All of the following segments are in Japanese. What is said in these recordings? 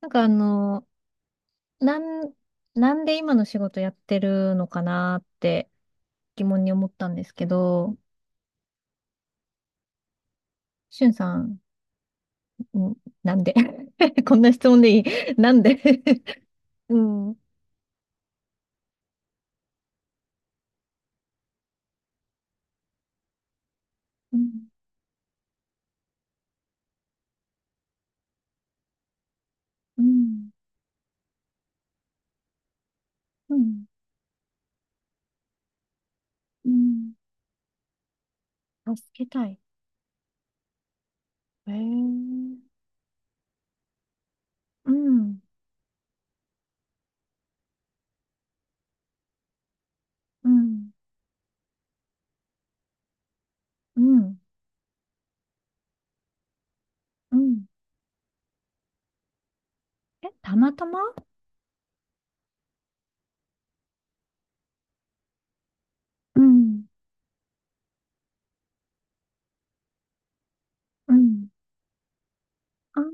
なんかなん、なんで今の仕事やってるのかなって疑問に思ったんですけど、しゅんさん、んなんで こんな質問でいい なんで うん、うん、うん、うん、うん。助けたい。へえー、うん、うん、うん、うん。え、たまたま。うん、うん。あー、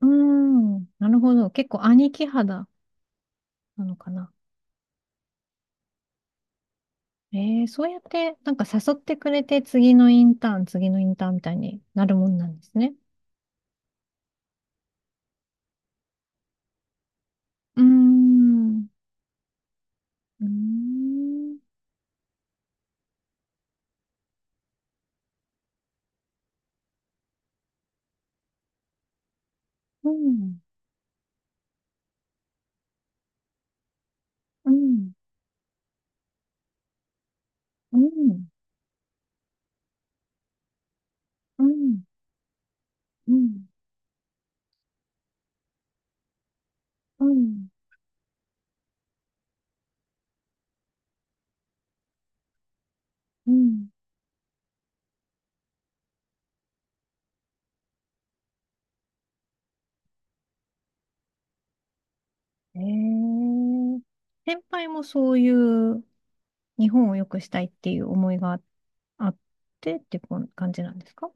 うん、なるほど。結構兄貴肌なのかな。ええ、そうやって、なんか誘ってくれて、次のインターン、次のインターンみたいになるもんなんですね。うーん、うーん、うん、うん、うん、うん、うん、うん、うん。ええ、先輩もそういう日本を良くしたいっていう思いがあってってこん感じなんですか？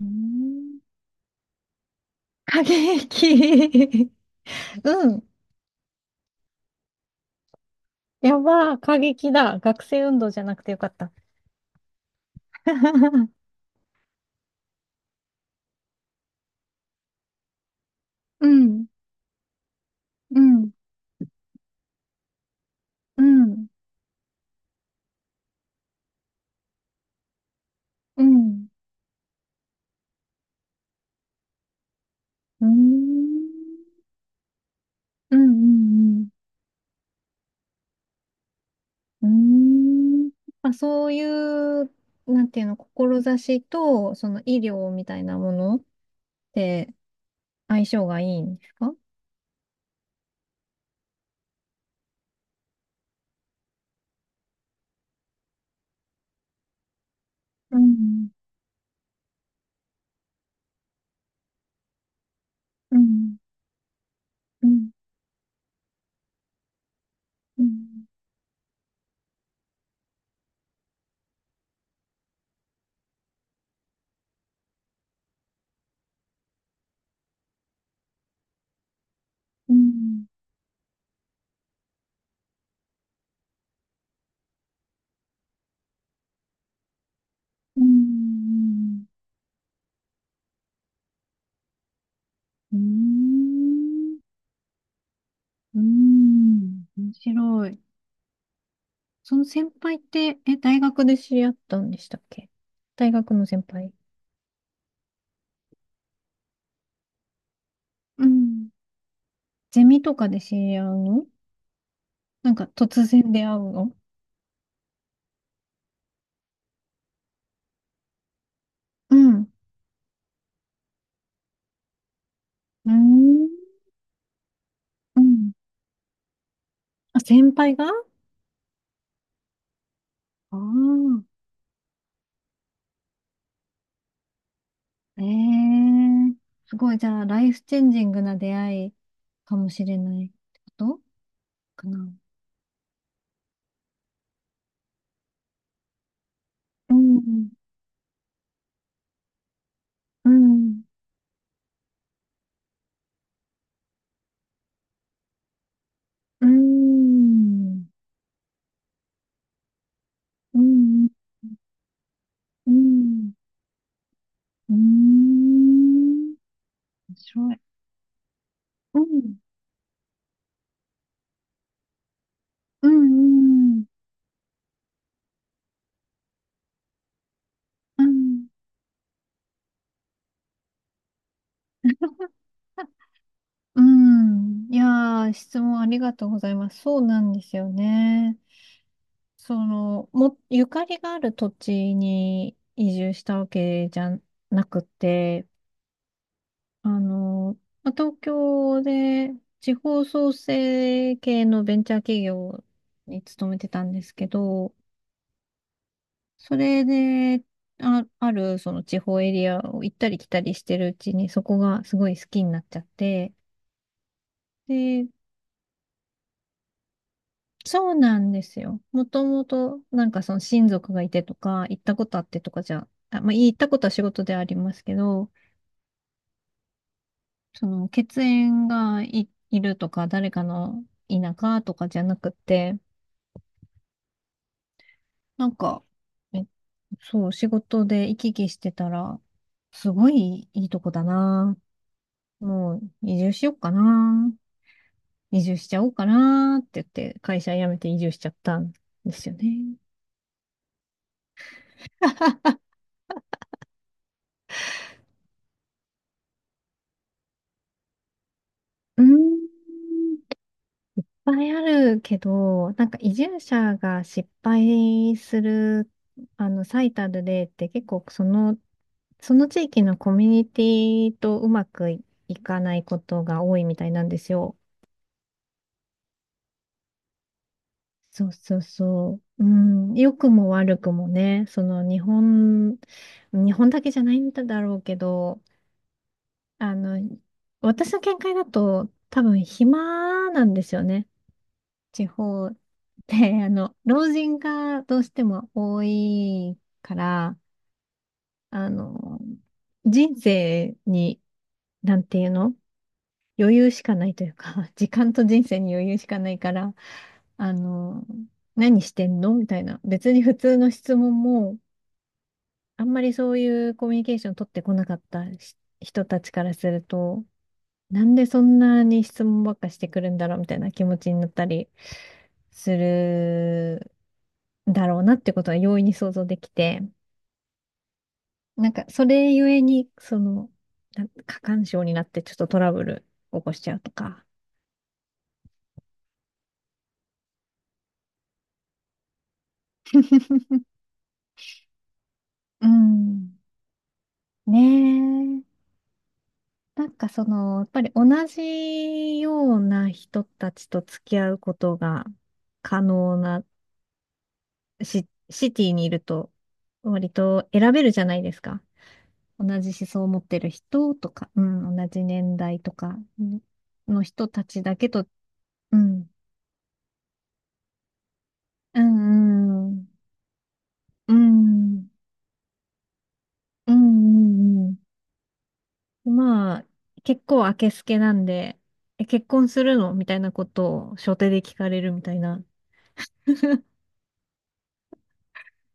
うーん、過激。 うん。やばー、過激だ。学生運動じゃなくてよかった。うん、うん、うん、うん、うん、うん、うん、うん。まあ、そういう、なんていうの、志と、その医療みたいなものって相性がいいんですか？うん、うん、うん、うん、うん、うん、うん、うん、面白い。その先輩って、え、大学で知り合ったんでしたっけ？大学の先輩。うん。ゼミとかで知り合うの？なんか突然出会うの？うん。うーん。うん。あ、先輩がああー。ええ、すごい、じゃあ、ライフチェンジングな出会いかもしれないってことかな。うん。うん。うん。うん。うん。うん。面白い。うん。うん。うん。うん。うん。いやー、質問ありがとうございます。そうなんですよね。ゆかりがある土地に移住したわけじゃなくて、あの、まあ東京で地方創生系のベンチャー企業に勤めてたんですけど、それで、あ、あるその地方エリアを行ったり来たりしてるうちに、そこがすごい好きになっちゃって、で、そうなんですよ。もともと、なんかその親族がいてとか、行ったことあってとかじゃ、あ、まあ、行ったことは仕事でありますけど、その血縁がいるとか、誰かの田舎とかじゃなくて、なんか、え、そう、仕事で行き来してたら、すごいいいとこだな。もう移住しようかな。移住しちゃおうかなって言って、会社辞めて移住しちゃったんですよね。うんぱいあるけど、なんか移住者が失敗する、最たる例って結構その地域のコミュニティとうまくいいかないことが多いみたいなんですよ。そうそうそう。うん、良くも悪くもね、日本だけじゃないんだろうけど、あの、私の見解だと多分暇なんですよね。地方で、老人がどうしても多いから、あの、人生に、なんていうの余裕しかないというか、時間と人生に余裕しかないから、あの、何してんのみたいな。別に普通の質問も、あんまりそういうコミュニケーション取ってこなかったし人たちからすると、なんでそんなに質問ばっかしてくるんだろうみたいな気持ちになったりするだろうなってことは容易に想像できて、なんかそれゆえに、過干渉になってちょっとトラブル起こしちゃうとか。うん。ねえ。なんかその、やっぱり同じような人たちと付き合うことが可能なシティにいると割と選べるじゃないですか。同じ思想を持ってる人とか、うん、同じ年代とかの人たちだけと、うん、うん、うん、うん、うん、うん、うんうん、まあ、結構あけすけなんで、え、結婚するのみたいなことを初手で聞かれるみたいな、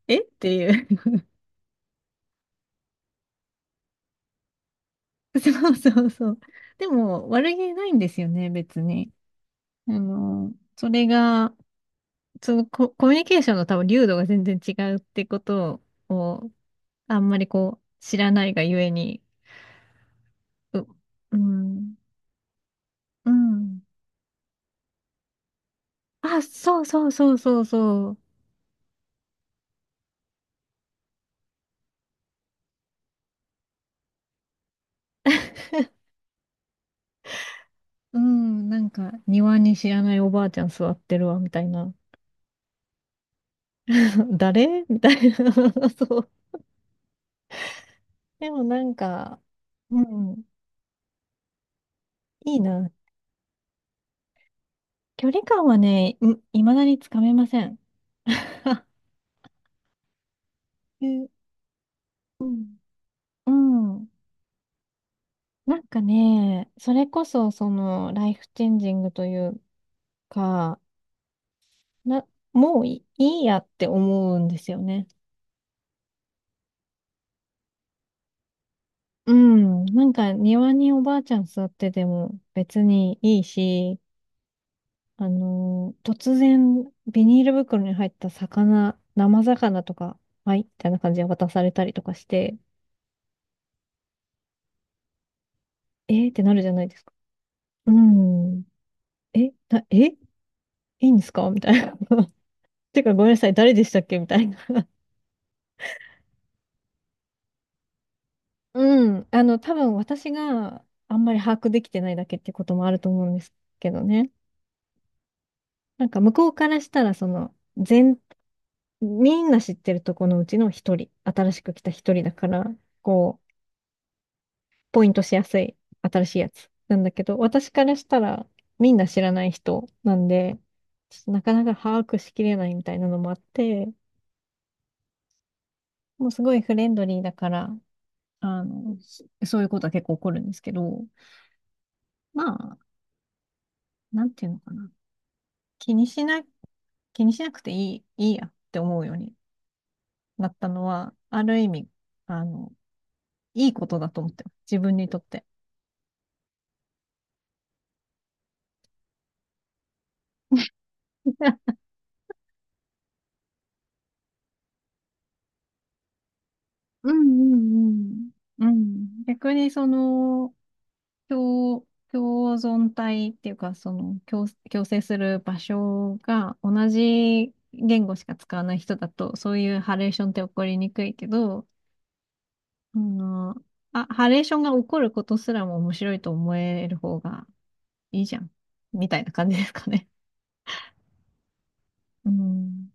えっていう。 そうそうそう。でも、悪気ないんですよね、別に。あの、それが、そのコミュニケーションの多分、流度が全然違うってことを、あんまりこう、知らないがゆえに、う、うん、うん。あ、そうそうそうそうそう。うん、なんか、庭に知らないおばあちゃん座ってるわ、みたいな。誰みたいな。そう。でもなんか、うん、いいな。距離感はね、いまだにつかめません。え、うん。うん。なんかね、それこそ、ライフチェンジングというか、な、もういい、いやって思うんですよね。うん。なんか庭におばあちゃん座ってても別にいいし、突然ビニール袋に入った魚、生魚とか、はい、みたいな感じで渡されたりとかして、えーってなるじゃないですか。うん。え、な、え、いいんですかみたいな。てかごめんなさい、誰でしたっけみたいな。うん。多分私があんまり把握できてないだけってこともあると思うんですけどね。なんか向こうからしたら、みんな知ってるとこのうちの一人、新しく来た一人だから、こう、ポイントしやすい、新しいやつなんだけど、私からしたら、みんな知らない人なんで、ちょっとなかなか把握しきれないみたいなのもあって、もうすごいフレンドリーだから、そういうことは結構起こるんですけど、まあ、なんていうのかな。気にしな、気にしなくていいやって思うようになったのは、ある意味、あの、いいことだと思ってます。自分にとって。うんうんうん。うん。逆に共、共存体っていうか、共生する場所が同じ言語しか使わない人だと、そういうハレーションって起こりにくいけど、あの、あ、ハレーションが起こることすらも面白いと思える方がいいじゃん。みたいな感じですかね。うん。